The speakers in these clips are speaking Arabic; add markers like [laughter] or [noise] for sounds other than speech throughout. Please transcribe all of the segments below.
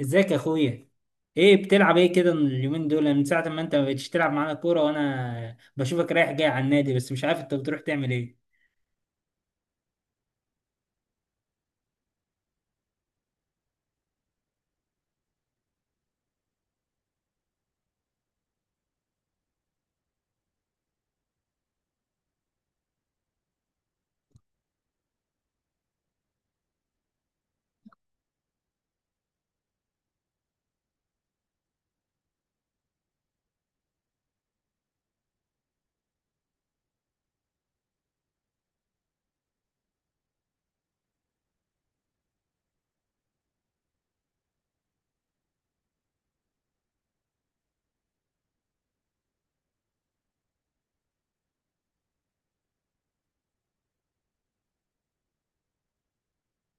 ازيك يا اخويا؟ ايه بتلعب ايه كده اليومين دول؟ من ساعة ما انت ما بقتش تلعب معانا كورة وانا بشوفك رايح جاي على النادي بس مش عارف انت بتروح تعمل ايه.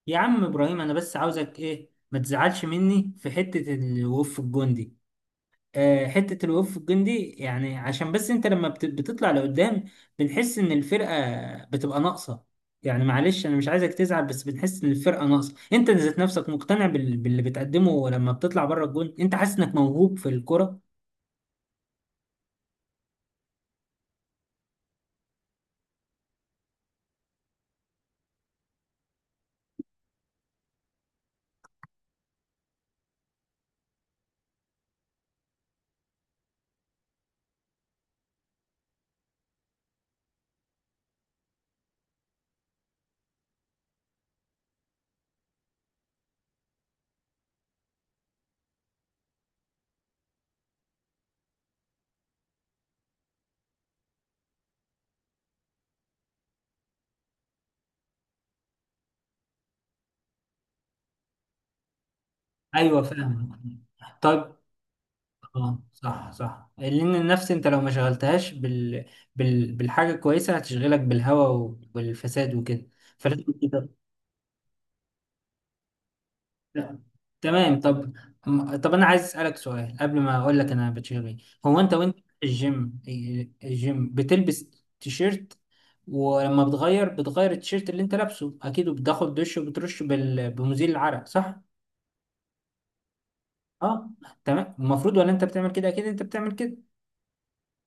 يا عم ابراهيم انا بس عاوزك ايه، ما تزعلش مني في حتة الوقوف الجندي. آه، حتة الوقوف الجندي يعني عشان بس انت لما بتطلع لقدام بنحس ان الفرقة بتبقى ناقصة. يعني معلش انا مش عايزك تزعل بس بنحس ان الفرقة ناقصة. انت ذات نفسك مقتنع باللي بتقدمه لما بتطلع بره الجون؟ انت حاسس انك موهوب في الكرة؟ ايوه، فاهم. طيب. اه صح صح، لان النفس انت لو ما شغلتهاش بالحاجه الكويسه هتشغلك بالهوى وبالفساد وكده، فلازم كده. [laughs] تمام. طب، طب انا عايز اسالك سؤال قبل ما اقول لك انا بتشغل ايه. هو انت وانت في الجيم، الجيم بتلبس تيشيرت، ولما بتغير بتغير التيشيرت اللي انت لابسه اكيد، وبتاخد دش وبترش بمزيل العرق، صح؟ اه، تمام، المفروض. ولا انت بتعمل كده؟ اكيد انت بتعمل كده.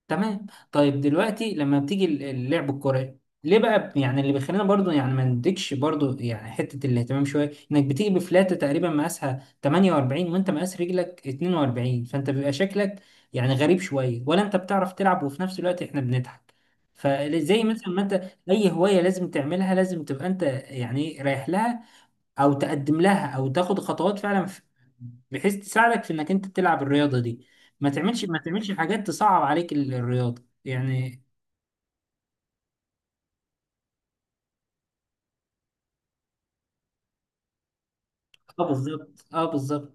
تمام. طيب دلوقتي لما بتيجي اللعب الكرة، ليه بقى يعني اللي بيخلينا برضو يعني ما نديكش برضو يعني حتة الاهتمام شوية، انك بتيجي بفلاتة تقريبا مقاسها 48 وانت مقاس رجلك 42، فانت بيبقى شكلك يعني غريب شوية. ولا انت بتعرف تلعب وفي نفس الوقت احنا بنضحك؟ فزي مثلا ما انت، اي هواية لازم تعملها لازم تبقى انت يعني رايح لها، او تقدم لها، او تاخد خطوات فعلا بحيث تساعدك في انك انت تلعب الرياضه دي. ما تعملش ما تعملش حاجات تصعب عليك الرياضه يعني. اه بالظبط، اه بالظبط.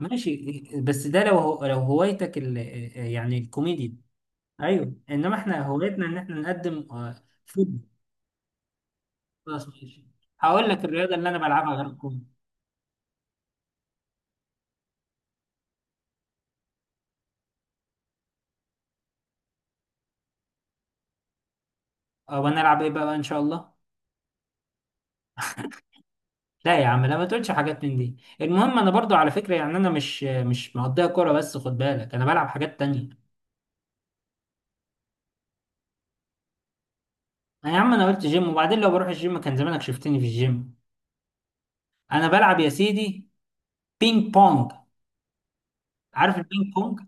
ماشي، بس ده لو هو لو هوايتك يعني الكوميديا. ايوه، انما احنا هوايتنا ان احنا نقدم فيلم. خلاص ماشي. هقول لك الرياضه اللي انا بلعبها غير الكوميديا. وانا العب ايه بقى ان شاء الله؟ لا يا عم لا، ما تقولش حاجات من دي. المهم انا برضو على فكره يعني انا مش مقضيها كوره بس، خد بالك انا بلعب حاجات تانية. يا عم انا قلت جيم، وبعدين لو بروح الجيم كان زمانك شفتني في الجيم. انا بلعب يا سيدي بينج بونج. عارف البينج بونج؟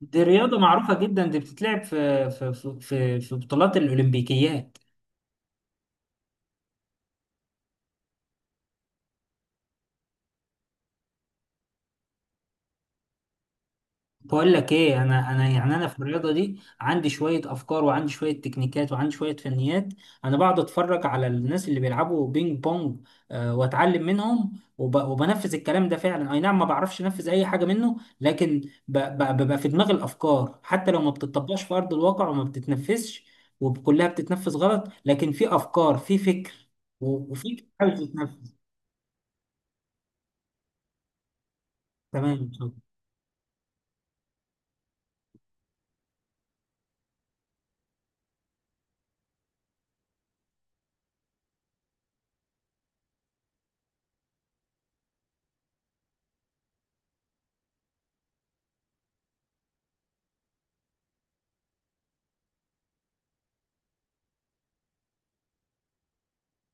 دي رياضة معروفة جدا، دي بتتلعب في في بطولات الأولمبيكيات. بقول لك ايه، انا انا يعني انا في الرياضه دي عندي شويه افكار وعندي شويه تكنيكات وعندي شويه فنيات. انا بقعد اتفرج على الناس اللي بيلعبوا بينج بونج، واتعلم منهم وبنفذ الكلام ده. فعلا اي نعم ما بعرفش انفذ اي حاجه منه لكن ببقى في دماغي الافكار حتى لو ما بتطبقش في ارض الواقع وما بتتنفذش، وكلها بتتنفذ غلط، لكن في افكار، في فكر وفي حاجه تتنفذ. تمام إن شاء الله.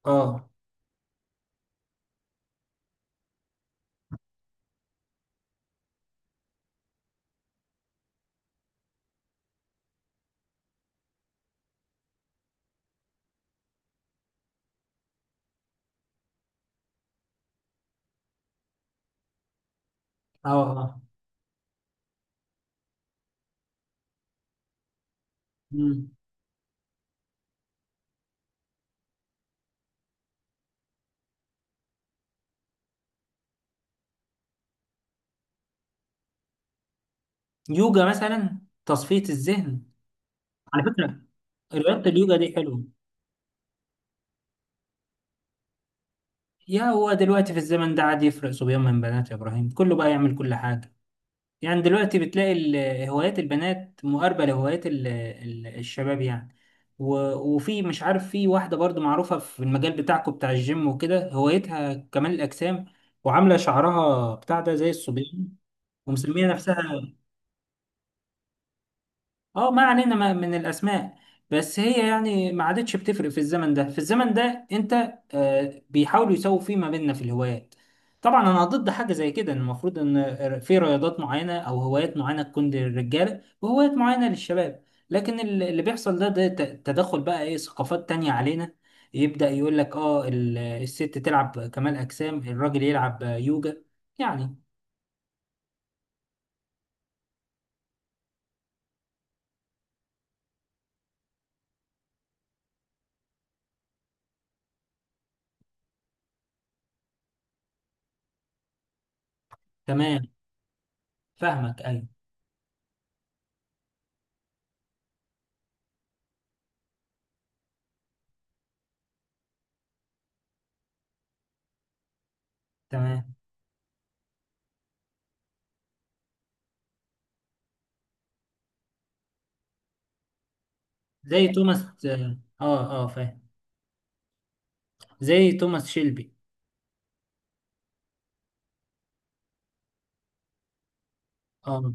اه اه اه. مم. يوجا مثلا، تصفيه الذهن. على فكرة رياضة اليوجا دي حلوة. يا هو دلوقتي في الزمن ده عاد يفرق صبيان من بنات يا إبراهيم؟ كله بقى يعمل كل حاجة. يعني دلوقتي بتلاقي هوايات البنات مقاربة لهوايات الشباب يعني. وفي مش عارف، في واحدة برضو معروفة في المجال بتاعكم بتاع الجيم وكده، هوايتها كمال الأجسام، وعاملة شعرها بتاع ده زي الصبيان، ومسمية نفسها، اه ما علينا من الاسماء. بس هي يعني ما عادتش بتفرق في الزمن ده. في الزمن ده انت، بيحاولوا يساووا فيه ما بيننا في الهوايات. طبعا انا ضد حاجه زي كده، إن المفروض ان في رياضات معينه او هوايات معينه تكون للرجاله وهوايات معينه للشباب، لكن اللي بيحصل ده، ده تدخل بقى ايه ثقافات تانية علينا. يبدا يقول لك اه الست تلعب كمال اجسام، الراجل يلعب يوجا يعني. تمام، فاهمك، ايوه تمام. زي توماس، اه اه، فاهم. زي توماس شيلبي. اه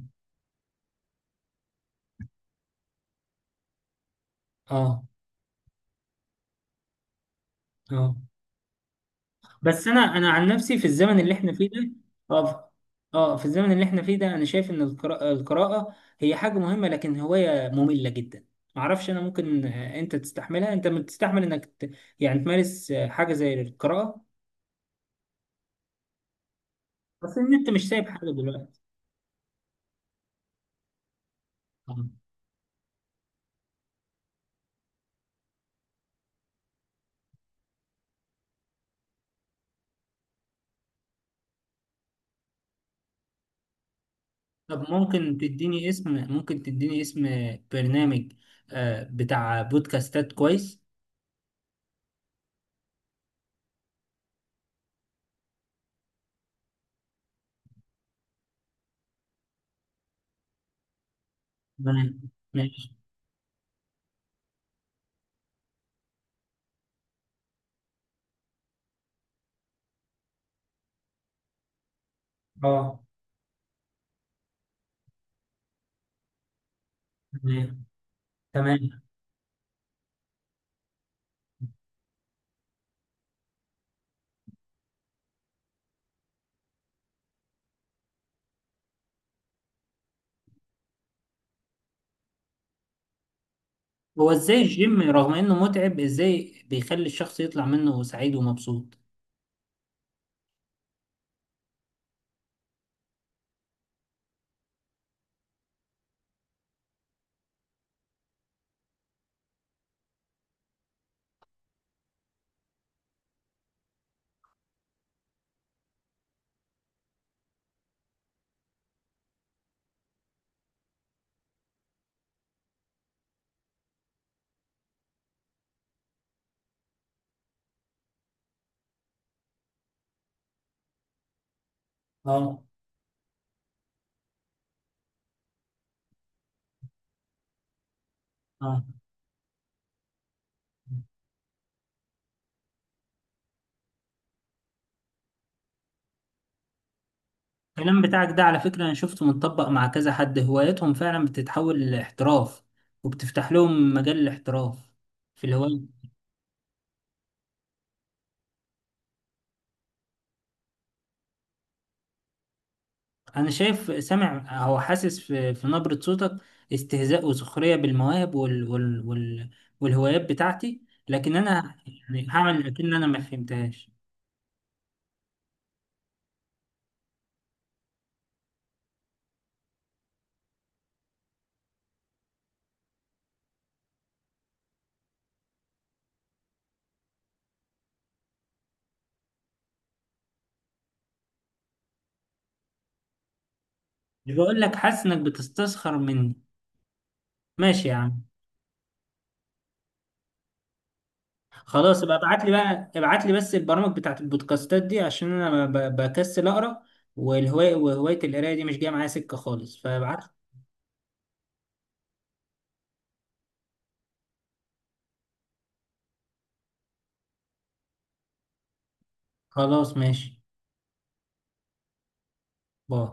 اه اه. بس انا انا عن نفسي في الزمن اللي احنا فيه ده، اه اه، في الزمن اللي احنا فيه ده انا شايف ان القراءة، القراءة هي حاجة مهمة لكن هواية مملة جدا. معرفش انا ممكن، انت تستحملها؟ انت بتستحمل انك يعني تمارس حاجة زي القراءة؟ بس ان انت مش سايب حاجة دلوقتي. آه. طب ممكن تديني اسم، ممكن تديني اسم برنامج بتاع بودكاستات كويس؟ تمام، ماشي. اه تمام، تمام. هو ازاي الجيم رغم انه متعب ازاي بيخلي الشخص يطلع منه سعيد ومبسوط؟ اه اه. الكلام بتاعك ده على فكرة انا شفته متطبق مع كذا حد، هوايتهم فعلا بتتحول لاحتراف، وبتفتح لهم مجال الاحتراف في الهواية. انا شايف، سامع او حاسس في، في نبرة صوتك استهزاء وسخرية بالمواهب وال وال وال والهوايات بتاعتي، لكن انا يعني هعمل اكن انا ما فهمتهاش. مش بقول لك حاسس انك بتستسخر مني؟ ماشي يا عم. خلاص ابقى ابعت لي بقى، ابعت لي بس البرامج بتاعت البودكاستات دي عشان انا بكسل اقرا، والهوايه وهوايه القرايه دي مش جايه معايا سكه خالص، فابعت لي. خلاص ماشي. باي.